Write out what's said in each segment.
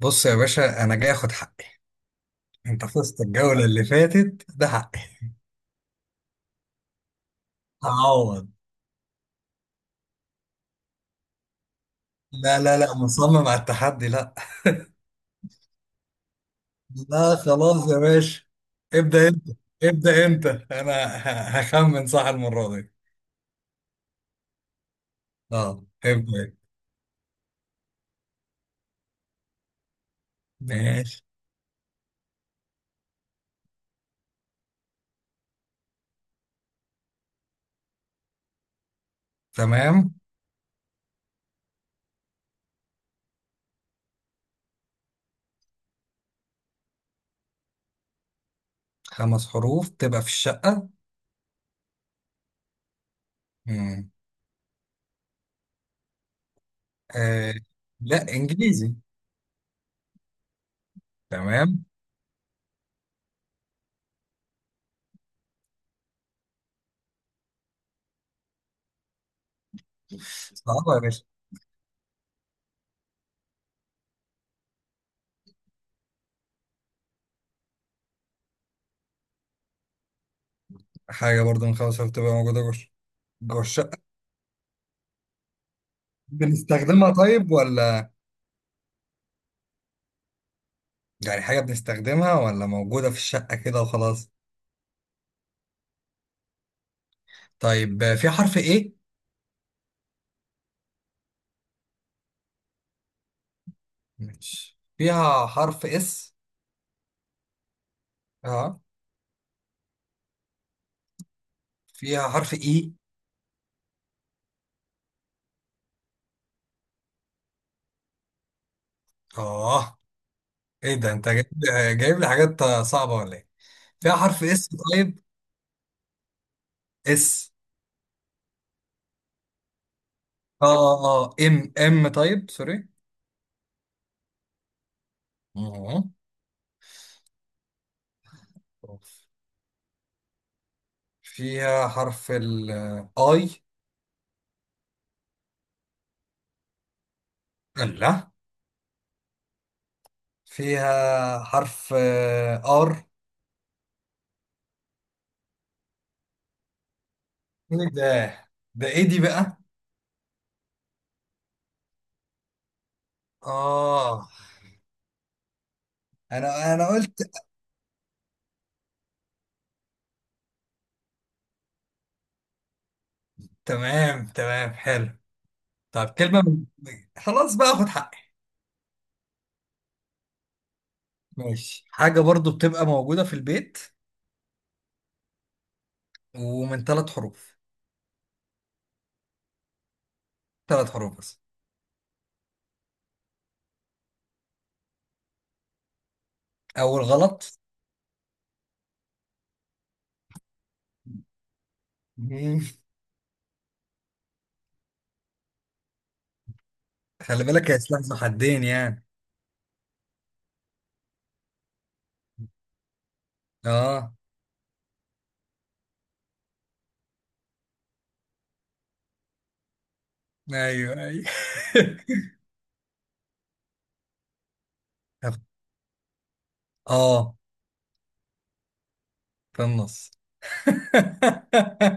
بص يا باشا، انا جاي اخد حقي. انت فزت الجولة اللي فاتت، ده حقي هعوض. لا مصمم على التحدي. لا لا خلاص يا باشا. ابدأ انت. ابدأ انت، انا هخمن صح المرة دي. اه ابدأ انت. ماشي. تمام. خمس حروف تبقى في الشقة. مم. آه. لا انجليزي. تمام. صعبة يا باشا. حاجة برضو من خمس حروف تبقى موجودة جوه الشقة. بنستخدمها طيب ولا؟ يعني حاجة بنستخدمها ولا موجودة في الشقة كده وخلاص؟ طيب في حرف ايه؟ مش فيها حرف اس؟ اه فيها حرف اي. اه ايه ده انت جايب، جايب لي حاجات صعبة ولا ايه؟ فيها حرف اس؟ طيب اس. اه ام ام، طيب سوري. اه فيها حرف ال اي؟ لا، فيها حرف ار؟ ايه ده، ده ايه دي بقى؟ اه. انا قلت. تمام تمام حلو. طب كلمة خلاص بقى خد حقي. ماشي. حاجة برضو بتبقى موجودة في البيت، ومن ثلاث حروف. ثلاث حروف بس. أول غلط. مم. خلي بالك، يا سلاح ذو حدين يعني. اه. ايوه ايوه. طب، اه في النص.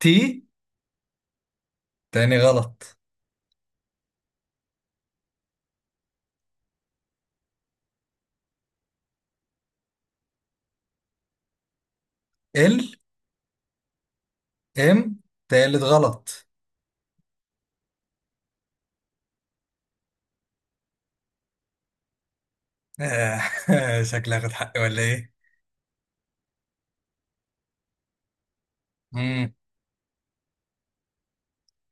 تي؟ تاني غلط. ال؟ ام؟ تالت غلط. آه. شكلي هاخد حقي ولا ايه؟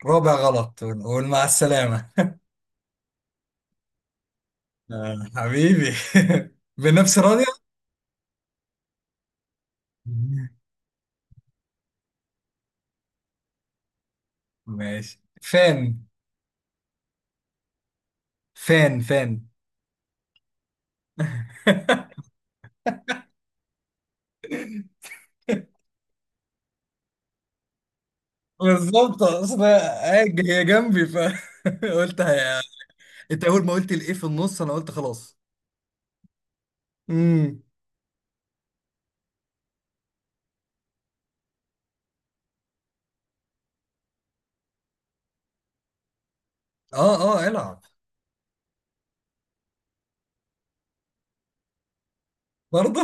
رابع غلط، ونقول مع السلامة. آه حبيبي. بنفس راضية. ماشي، فان، فان فان. بالظبط، اصل هي، هي جنبي فقلت هي. انت اول ما قلت الايه في النص انا قلت خلاص. امم. اه اه العب. برضه.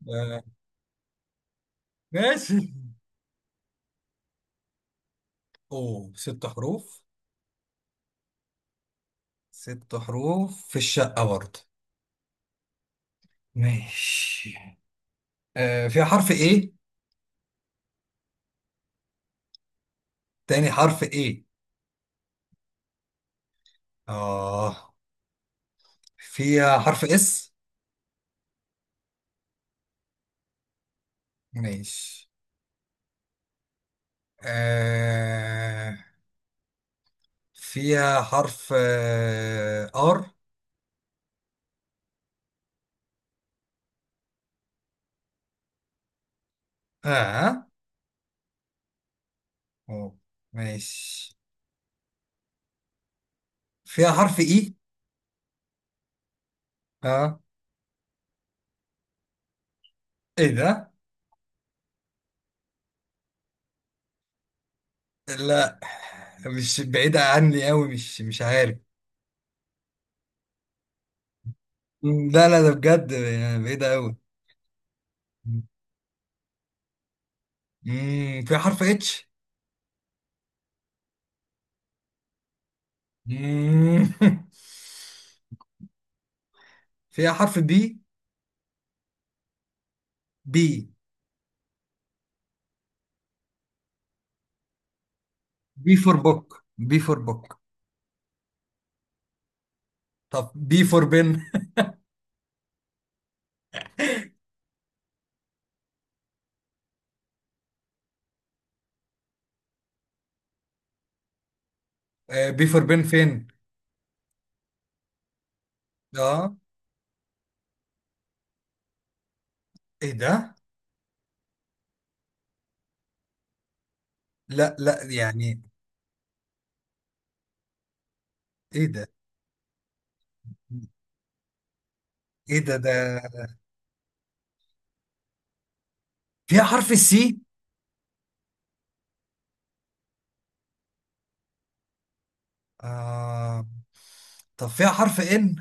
آه، ماشي. اوه، ست حروف. ست حروف في الشقة برضه. ماشي. آه فيها حرف ايه؟ تاني حرف ايه؟ اه. فيها حرف اس؟ ماشي. آه فيها حرف ار؟ اه. أوه. ماشي. فيها حرف اي؟ اه. ايه ده؟ لا، مش بعيدة عني قوي، مش عارف. مم، لا لا ده بجد يعني بعيدة قوي. امم، فيها حرف اتش؟ مم. فيها حرف بي؟ بي، بي فور بوك، بي فور بوك. طب بي فور بن. آه، بي فور بن فين؟ اه ايه ده؟ لا لا يعني ايه ده، ايه ده. فيها حرف السي؟ آه. طب فيها حرف ان؟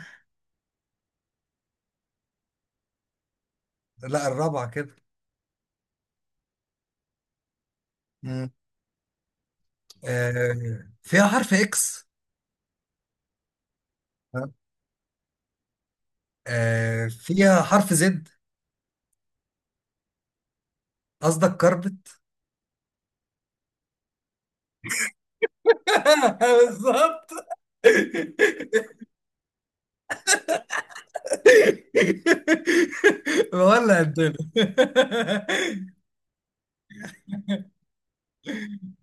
لا، الرابعة كده. مم. آه فيها حرف اكس؟ آه فيها حرف زد؟ قصدك كربت. بالظبط. ولا الدنيا.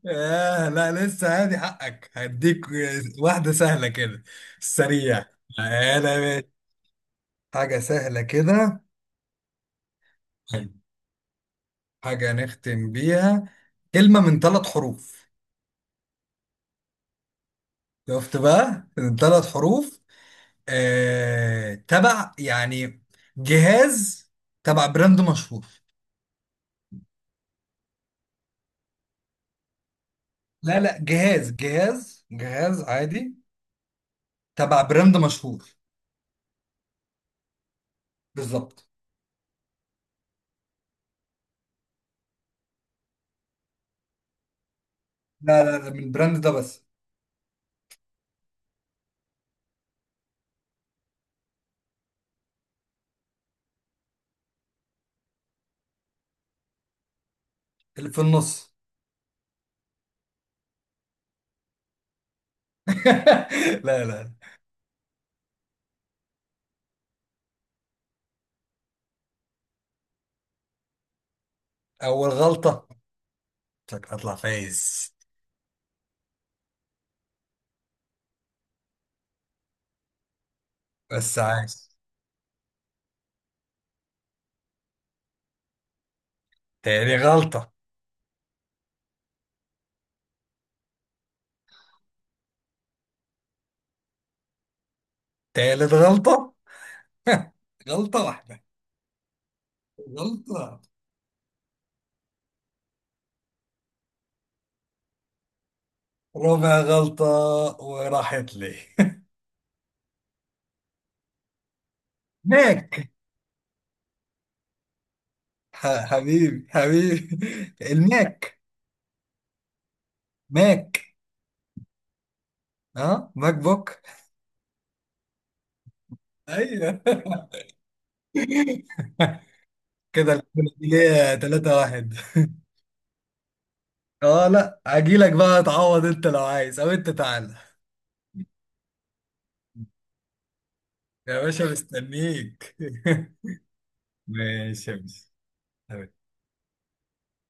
آه لا، لسه هادي حقك، هديك واحدة سهلة كده، سريع. انا حاجة سهلة كده. حلو، حاجة نختم بيها. كلمة من ثلاث حروف. شفت بقى، من ثلاث حروف. تبع يعني جهاز، تبع براند مشهور. لا لا، جهاز جهاز عادي، تبع براند مشهور. بالظبط. لا لا لا، من البراند ده بس. اللي في النص. لا لا. أول غلطة. شكلك هطلع فايز. بس عايز. تاني غلطة. تالت غلطة. غلطة واحدة. غلطة. ربع غلطة وراحت لي. ماك. حبيبي حبيبي. الماك. ماك. ها، ماك بوك. ايوه. كده الكلية 3 واحد. اه لا، اجيلك بقى تعوض انت لو عايز، او انت تعالى. يا باشا مستنيك. ماشي يا باشا.